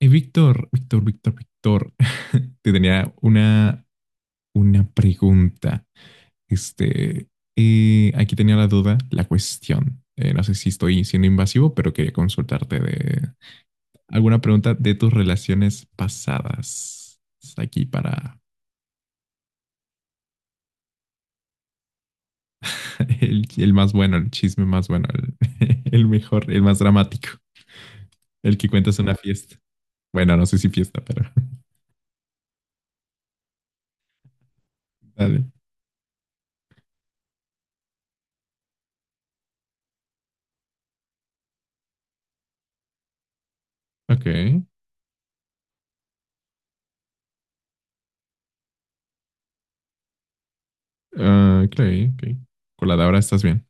Víctor, Víctor, Víctor, Víctor, te tenía una pregunta. Este, aquí tenía la duda, la cuestión. No sé si estoy siendo invasivo, pero quería consultarte de alguna pregunta de tus relaciones pasadas. Está aquí para el más bueno, el chisme más bueno, el mejor, el más dramático, el que cuentas en una fiesta. Bueno, no sé si fiesta, pero dale. Ok, ah, ok, ok. Con la de ahora estás bien.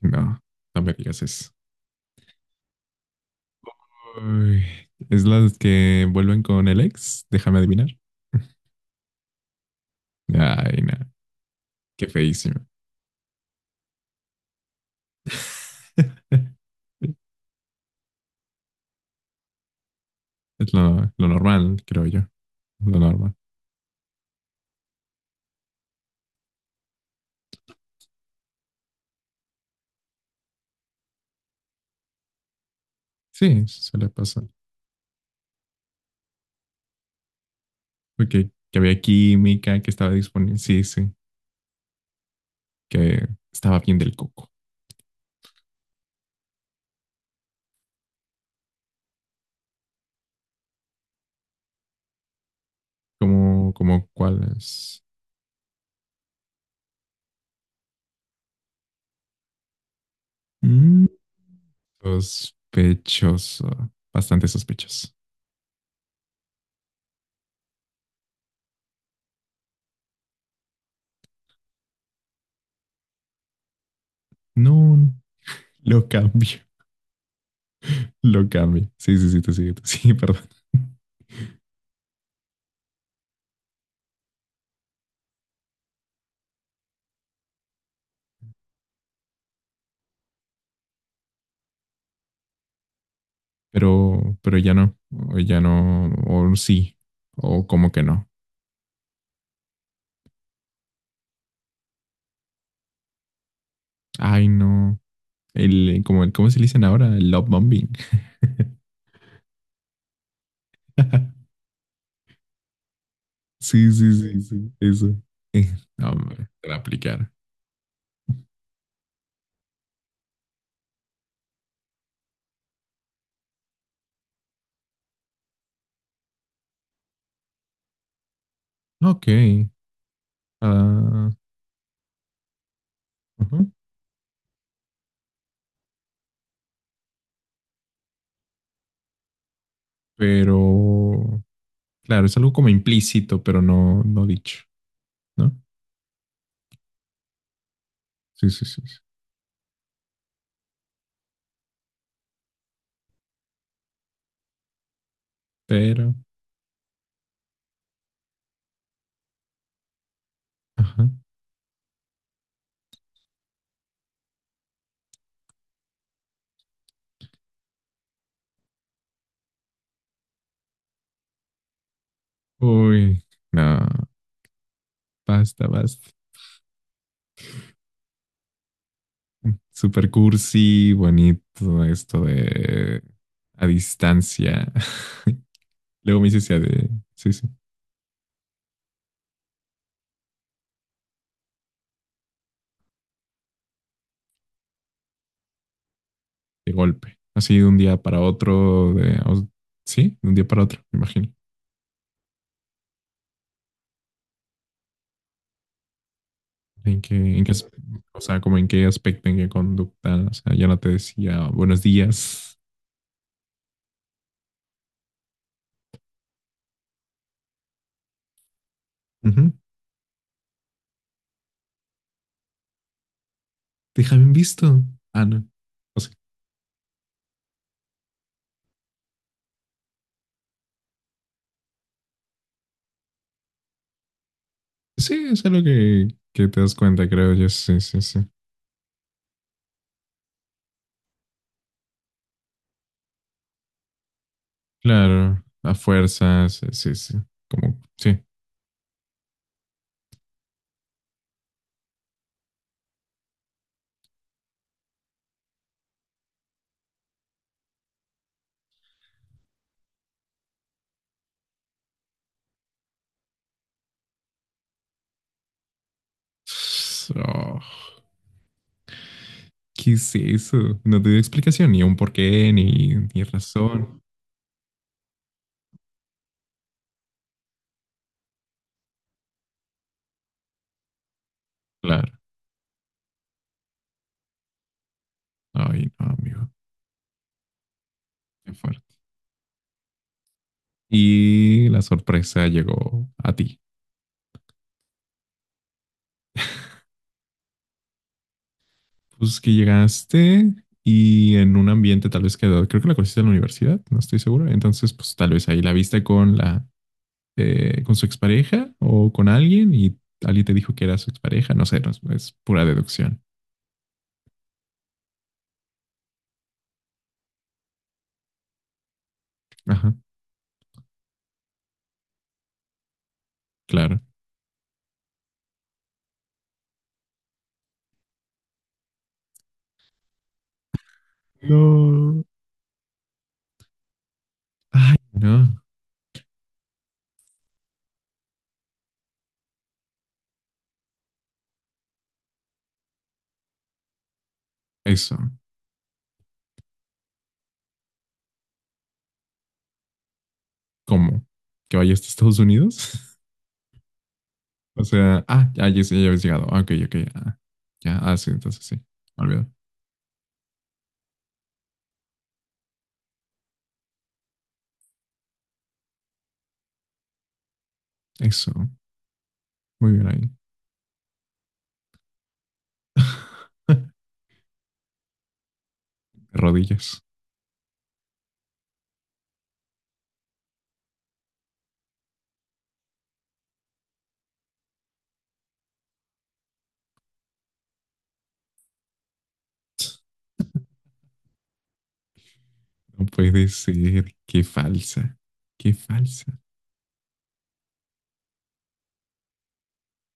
No, no me digas eso. Uy, ¿es las que vuelven con el ex? Déjame adivinar. Ay, no, qué feísimo. Es lo normal, creo yo. Lo normal. Sí, suele pasar. Porque que había química, que estaba disponible. Sí, sí, que estaba bien del coco. Como, como cuáles. Mm, sospechoso. Bastante sospechoso. No, lo cambio. Lo cambia. Sí, sí, sí, te sigue, perdón. Pero ya no, o sí, o como que no. Ay, no. Como el, ¿cómo se le dicen ahora? El love bombing. Sí, sí, sí, sí, eso. No, hombre, para aplicar. Ok, ah, ujú. Pero, claro, es algo como implícito, pero no dicho, ¿no? Sí, sí, sí, sí. Pero, ajá. Uy, no, basta, basta. Super cursi, bonito esto de a distancia. Luego me hice esa de, sí, sí, de golpe. Así de un día para otro, sí, de un día para otro, me imagino. ¿En qué, en qué, as- o sea, como en qué aspecto, ¿en qué conducta? O sea, ya no te decía buenos días. Ujú, déjame en visto. Ah, no. O sea, sí, es algo que te das cuenta, creo yo. Sí, sí, sí. Claro, a fuerzas, sí, sí, sí. Como, sí, so, ¿qué es eso? No te dio explicación, ni un porqué, ni razón. Claro. Ay, no, amigo. Qué fuerte. Y la sorpresa llegó a ti. Pues que llegaste y en un ambiente tal vez que creo que la conociste en la universidad, no estoy seguro. Entonces, pues tal vez ahí la viste con la con su expareja o con alguien y alguien te dijo que era su expareja. No sé, no, es pura deducción. Ajá, claro. No. No, eso. ¿Cómo? ¿Que vaya hasta Estados Unidos? O sea, ah, ya, ya, ya habéis llegado. Ah, ok, ok, ah, ya, ah, sí, entonces sí, me olvidé. Eso, muy bien ahí. Rodillas. No puede ser, qué falsa, qué falsa.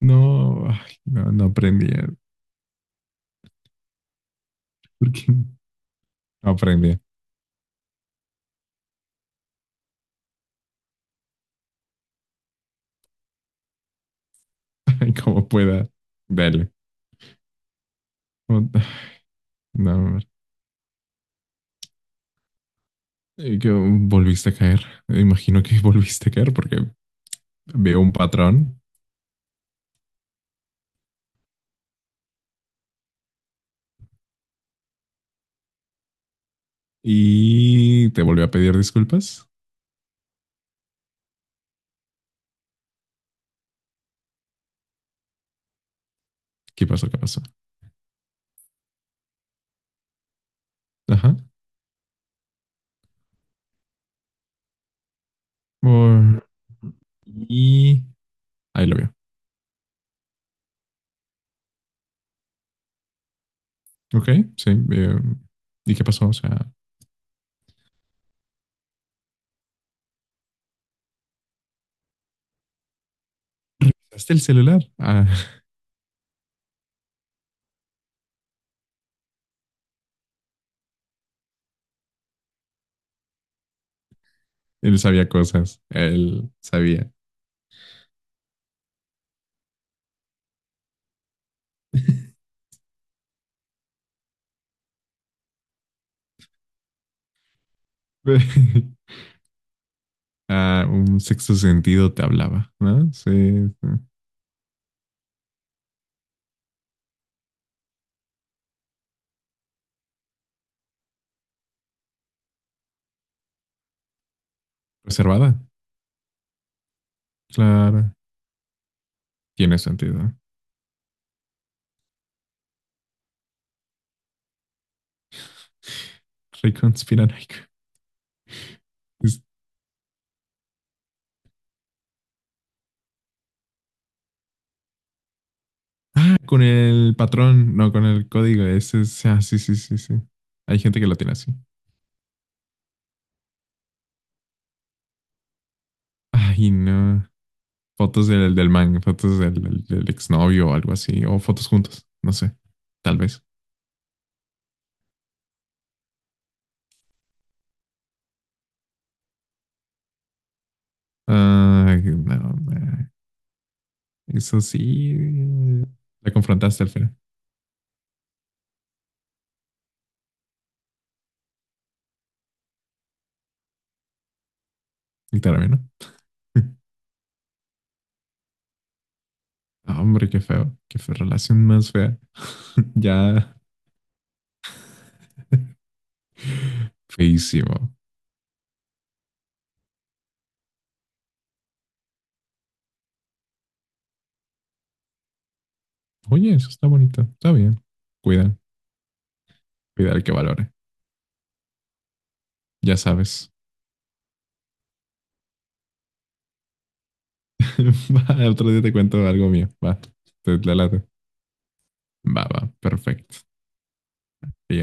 No, ay, no, no aprendí. ¿Por qué no aprendí? Ay, como pueda, dale. No, no, que volviste a caer. Imagino que volviste a caer porque veo un patrón. Y te volvió a pedir disculpas. ¿Qué pasó? ¿Qué pasó? Ajá. Por- y ahí lo vio. Ok, sí, ¿y qué pasó? O sea, ¿hasta el celular? Ah, él sabía cosas. Él sabía. Ah, un sexto sentido te hablaba, ¿no? Sí, sí. Reservada. Claro. Tiene sentido. Rey conspiranoico. Es- ah, con el patrón, no con el código. Ese es. Ah, sí, sí, sí, sí. Hay gente que lo tiene así. Ay, no. Fotos del, del man, fotos del exnovio o algo así, o fotos juntos, no sé, tal vez. Ay, no, no. Eso sí, la confrontaste al final, literalmente, ¿no? Ah, hombre, qué feo, qué fea relación más fea. Ya, feísimo. Oye, eso está bonito, está bien. Cuida, cuida el que valore, ya sabes. Va, otro día te cuento algo mío, va, te la late. Va, va, perfecto.